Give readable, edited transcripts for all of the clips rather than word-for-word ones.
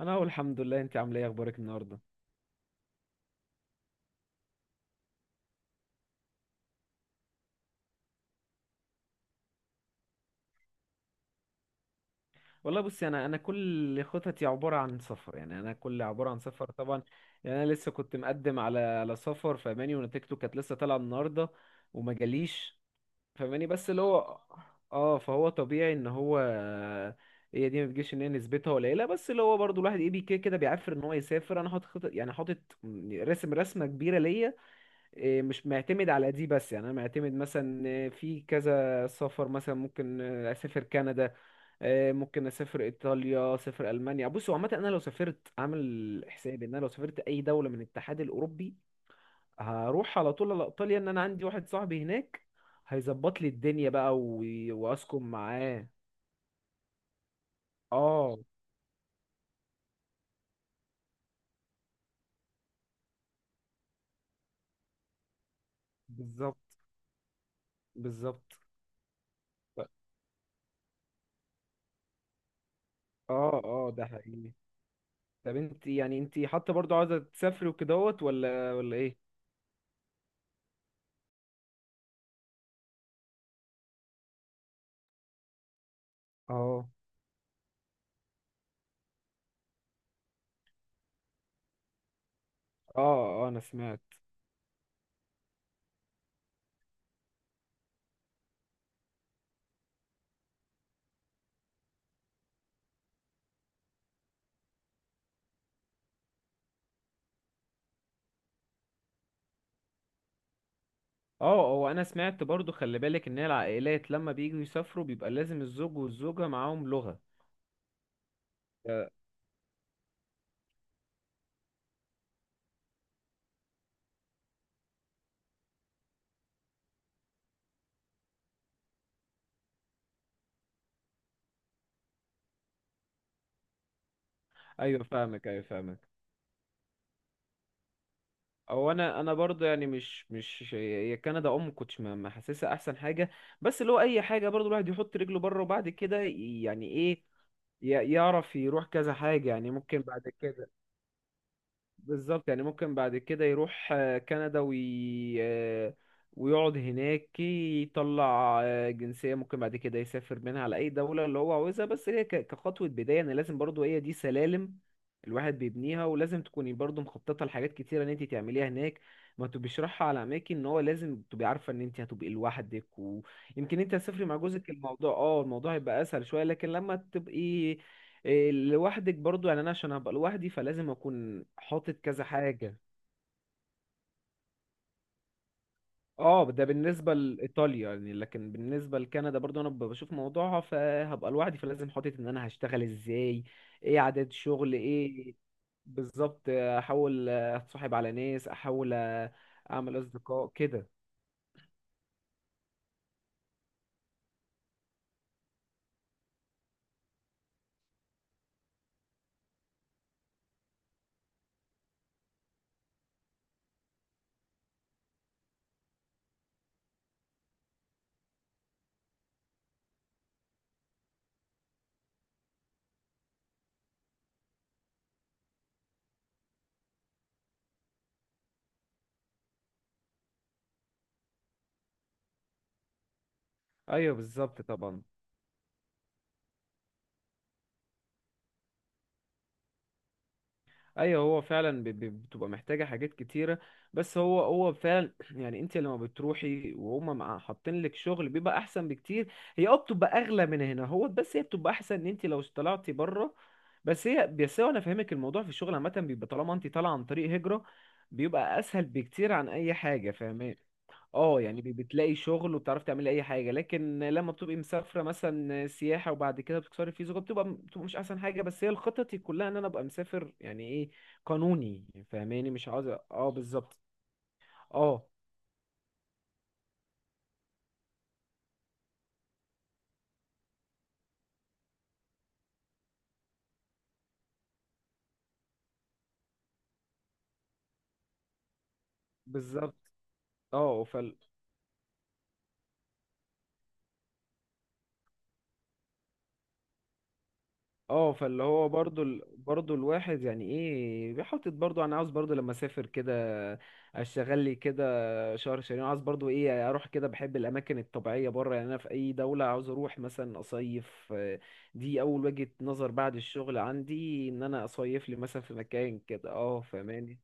انا اقول الحمد لله. انت عامله ايه، اخبارك النهارده؟ والله بصي، انا كل خططي عباره عن سفر، يعني انا كل عباره عن سفر طبعا. يعني انا لسه كنت مقدم على سفر فماني، ونتيجته كانت لسه طالعه النهارده وما جاليش فماني. بس اللي هو اه فهو طبيعي ان هو، هي دي ما بتجيش، ان هي نسبتها قليله. بس اللي هو برضو الواحد ايه بي كده كده بيعفر ان هو يسافر. انا حاطط خطط، يعني حاطط رسم رسمه كبيره ليا. مش معتمد على دي بس، يعني انا معتمد مثلا، في كذا سفر، مثلا ممكن اسافر كندا، ممكن اسافر ايطاليا، اسافر المانيا. بصوا عامه انا لو سافرت عامل حسابي ان انا لو سافرت اي دوله من الاتحاد الاوروبي، هروح على طول على ايطاليا. ان انا عندي واحد صاحبي هناك هيظبط لي الدنيا بقى، واسكن معاه. اه، بالظبط. بالظبط. ف- اه، اه، ده حقيقي. طب انت يعني، انت حتى برضو عاوزه تسافري وكدهوت، ولا ايه؟ اه، اه، اه، انا سمعت. اه، هو انا سمعت برضو، خلي بالك ان هي العائلات لما بييجوا يسافروا بيبقى لازم الزوج والزوجة معاهم لغة. آه، ايوه فاهمك، ايوه فاهمك. او انا برضو، يعني مش هي كندا ام كنتش، ما حاسسها احسن حاجة. بس لو اي حاجة برضو الواحد يحط رجله بره وبعد كده، يعني ايه، يعرف يروح كذا حاجة يعني ممكن بعد كده. بالظبط، يعني ممكن بعد كده يروح كندا وي... آه، ويقعد هناك، يطلع جنسية، ممكن بعد كده يسافر منها على أي دولة اللي هو عاوزها. بس هي كخطوة بداية، يعني لازم برضو هي دي سلالم الواحد بيبنيها. ولازم تكوني برضو مخططة لحاجات كتيرة إن أنت تعمليها هناك، ما تبقيش رايحة على أماكن إن هو لازم تبقي عارفة إن أنت هتبقي لوحدك. ويمكن أنت هتسافري مع جوزك، الموضوع، الموضوع هيبقى أسهل شوية، لكن لما تبقي لوحدك برضو، يعني انا عشان هبقى لوحدي فلازم اكون حاطط كذا حاجة. اه، ده بالنسبة لإيطاليا يعني، لكن بالنسبة لكندا برضو انا بشوف موضوعها، فهبقى لوحدي فلازم حاطط ان انا هشتغل ازاي، ايه عدد شغل ايه. بالظبط، احاول اتصاحب على ناس، احاول اعمل اصدقاء كده. ايوه بالظبط، طبعا. ايوه، هو فعلا بتبقى محتاجه حاجات كتيره. بس هو فعلا يعني انت لما بتروحي وهم حاطين لك شغل بيبقى احسن بكتير. هي بتبقى اغلى من هنا هو، بس هي بتبقى احسن ان انت لو طلعتي بره. بس هو انا فاهمك، الموضوع في الشغل عامه بيبقى طالما انت طالعه عن طريق هجره بيبقى اسهل بكتير عن اي حاجه، فاهمه. اه، يعني بتلاقي شغل وبتعرفي تعملي اي حاجه. لكن لما بتبقي مسافره مثلا سياحه وبعد كده بتكسري فيزا، بتبقى مش احسن حاجه. بس هي الخطط كلها ان انا ابقى مسافر يعني ايه، قانوني. فاهماني، مش عاوز، اه بالظبط. اه بالظبط، اه، اه. فاللي هو برضو ال... برضو الواحد يعني ايه بيحطط. برضو انا عاوز برضو لما اسافر كده اشتغل لي كده شهر شهرين، عاوز برضو ايه اروح كده، بحب الاماكن الطبيعيه بره يعني، انا في اي دوله عاوز اروح مثلا اصيف. دي اول وجهه نظر، بعد الشغل عندي ان انا اصيف لي مثلا في مكان كده، اه فاهماني.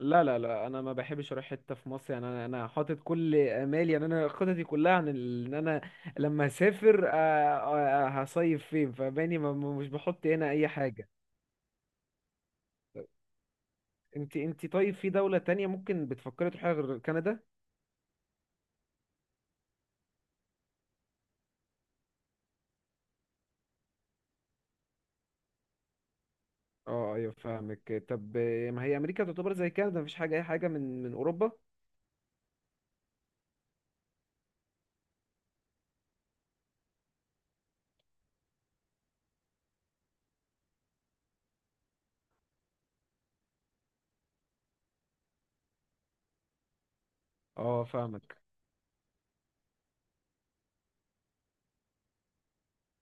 لا، لا، لا، انا ما بحبش اروح حته في مصر يعني، انا حاطط كل امالي، يعني انا خططي كلها عن ان انا لما اسافر هصيف فين فباني. مش بحط هنا اي حاجه. انت، انت طيب، في دوله تانية ممكن بتفكري تروحيها غير كندا؟ اه، ايوه فاهمك. طب ما هي امريكا تعتبر زي كندا، مفيش حاجه اي حاجه من اوروبا. اه فاهمك،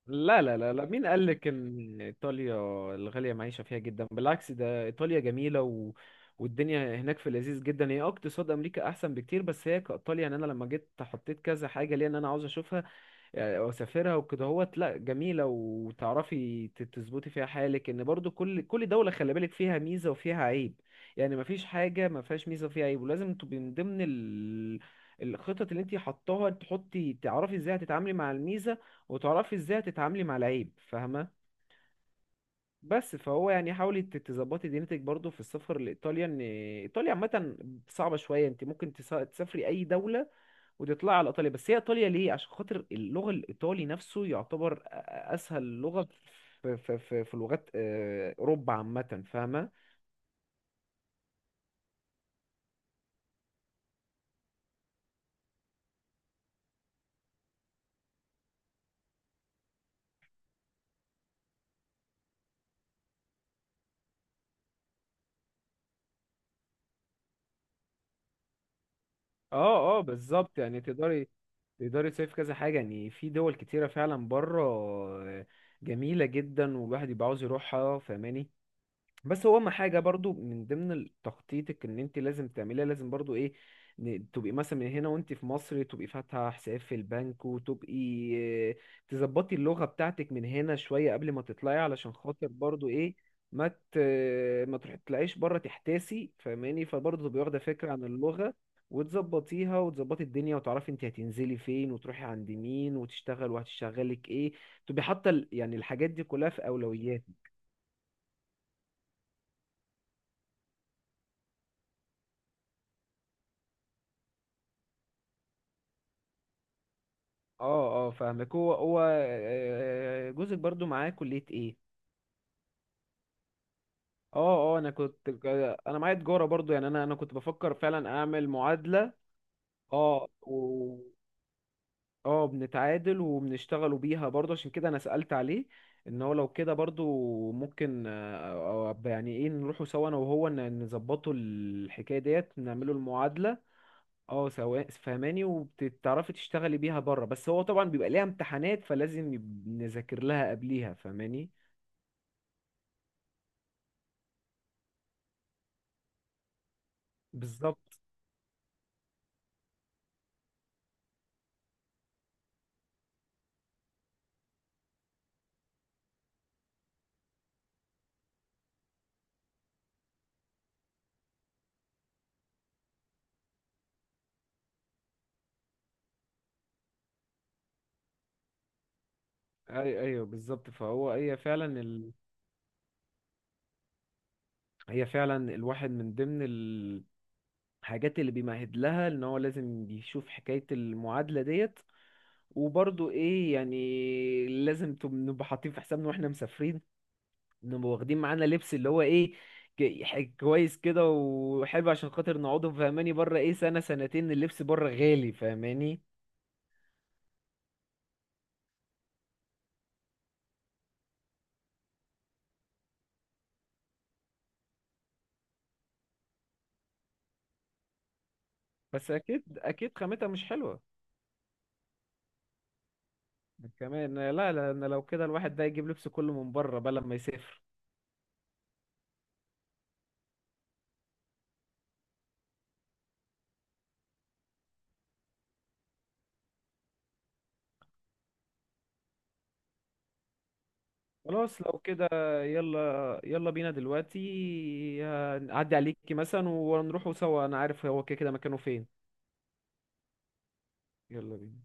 لا، لا، لا، لا، مين قال لك ان ايطاليا الغاليه معيشه فيها جدا؟ بالعكس ده ايطاليا جميله و... والدنيا هناك في لذيذ جدا. هي اقتصاد امريكا احسن بكتير، بس هي كايطاليا، يعني انا لما جيت حطيت كذا حاجه ليا ان انا عاوز اشوفها، يعني واسافرها وكده هوت. لا، جميله وتعرفي تظبطي فيها حالك. ان برضو كل دوله خلي بالك فيها ميزه وفيها عيب، يعني مفيش حاجه ما فيهاش ميزه وفيها عيب. ولازم تبقي من ضمن الخطط اللي انت حطاها، تحطي تعرفي ازاي هتتعاملي مع الميزه، وتعرفي ازاي هتتعاملي مع العيب، فاهمه. بس فهو يعني حاولي تظبطي دينتك برضو في السفر لايطاليا، ان ايطاليا عامه صعبه شويه. انت ممكن تسافري اي دوله وتطلع على ايطاليا، بس هي ايطاليا ليه؟ عشان خاطر اللغه، الايطالي نفسه يعتبر اسهل لغه في في لغات اوروبا عامه، فاهمه. اه، اه، بالظبط، يعني تقدري تصيف كذا حاجه، يعني في دول كتيره فعلا بره آه، جميله جدا، والواحد يبقى عاوز يروحها، فاهماني. بس هو اهم حاجه برضو من ضمن تخطيطك ان انت لازم تعمليها، لازم برضو ايه، تبقي مثلا من هنا وانت في مصر تبقي فاتحه حساب في البنك، وتبقي آه، تظبطي اللغه بتاعتك من هنا شويه قبل ما تطلعي، علشان خاطر برضو ايه ما ت... ما تروحي تطلعيش بره تحتاسي، فاهماني. فبرضو تبقي واخده فكره عن اللغه وتظبطيها، وتظبطي الدنيا، وتعرفي انت هتنزلي فين وتروحي عند مين وتشتغل وهتشتغلك ايه. تبقي حاطه يعني الحاجات دي كلها في اولويات. اه، اه فاهمك. هو جوزك برضو معاه كلية ايه؟ اه، اه، انا كنت، انا معايا تجارة برضو، يعني انا كنت بفكر فعلا اعمل معادلة. اه و اه بنتعادل وبنشتغلوا بيها برضو، عشان كده انا سألت عليه ان هو لو كده برضو ممكن يعني ايه نروحوا سوا انا وهو نظبطوا الحكاية ديت، نعملوا المعادلة. اه سواء، فهماني، وبتعرفي تشتغلي بيها بره. بس هو طبعا بيبقى ليها امتحانات، فلازم نذاكر لها قبليها، فهماني. بالظبط، اي ايوه بالظبط. فهو هي فعلا ال... هي فعلا الواحد من ضمن الحاجات اللي بيمهد لها ان هو لازم يشوف حكاية المعادلة ديت. وبرضه ايه يعني لازم نبقى حاطين في حسابنا واحنا مسافرين، نبقى واخدين معانا لبس اللي هو ايه، كويس كده وحلو، عشان خاطر نقعده فهماني بره ايه سنة سنتين. اللبس بره غالي، فهماني. بس اكيد، اكيد، خامتها مش حلوة كمان. لا، لا، انا لو كده الواحد ده يجيب لبس كله من بره بقى لما يسافر. خلاص لو كده، يلا يلا بينا دلوقتي، هنعدي عليكي مثلا ونروحوا سوا، انا عارف هو كده كده مكانه فين. يلا بينا.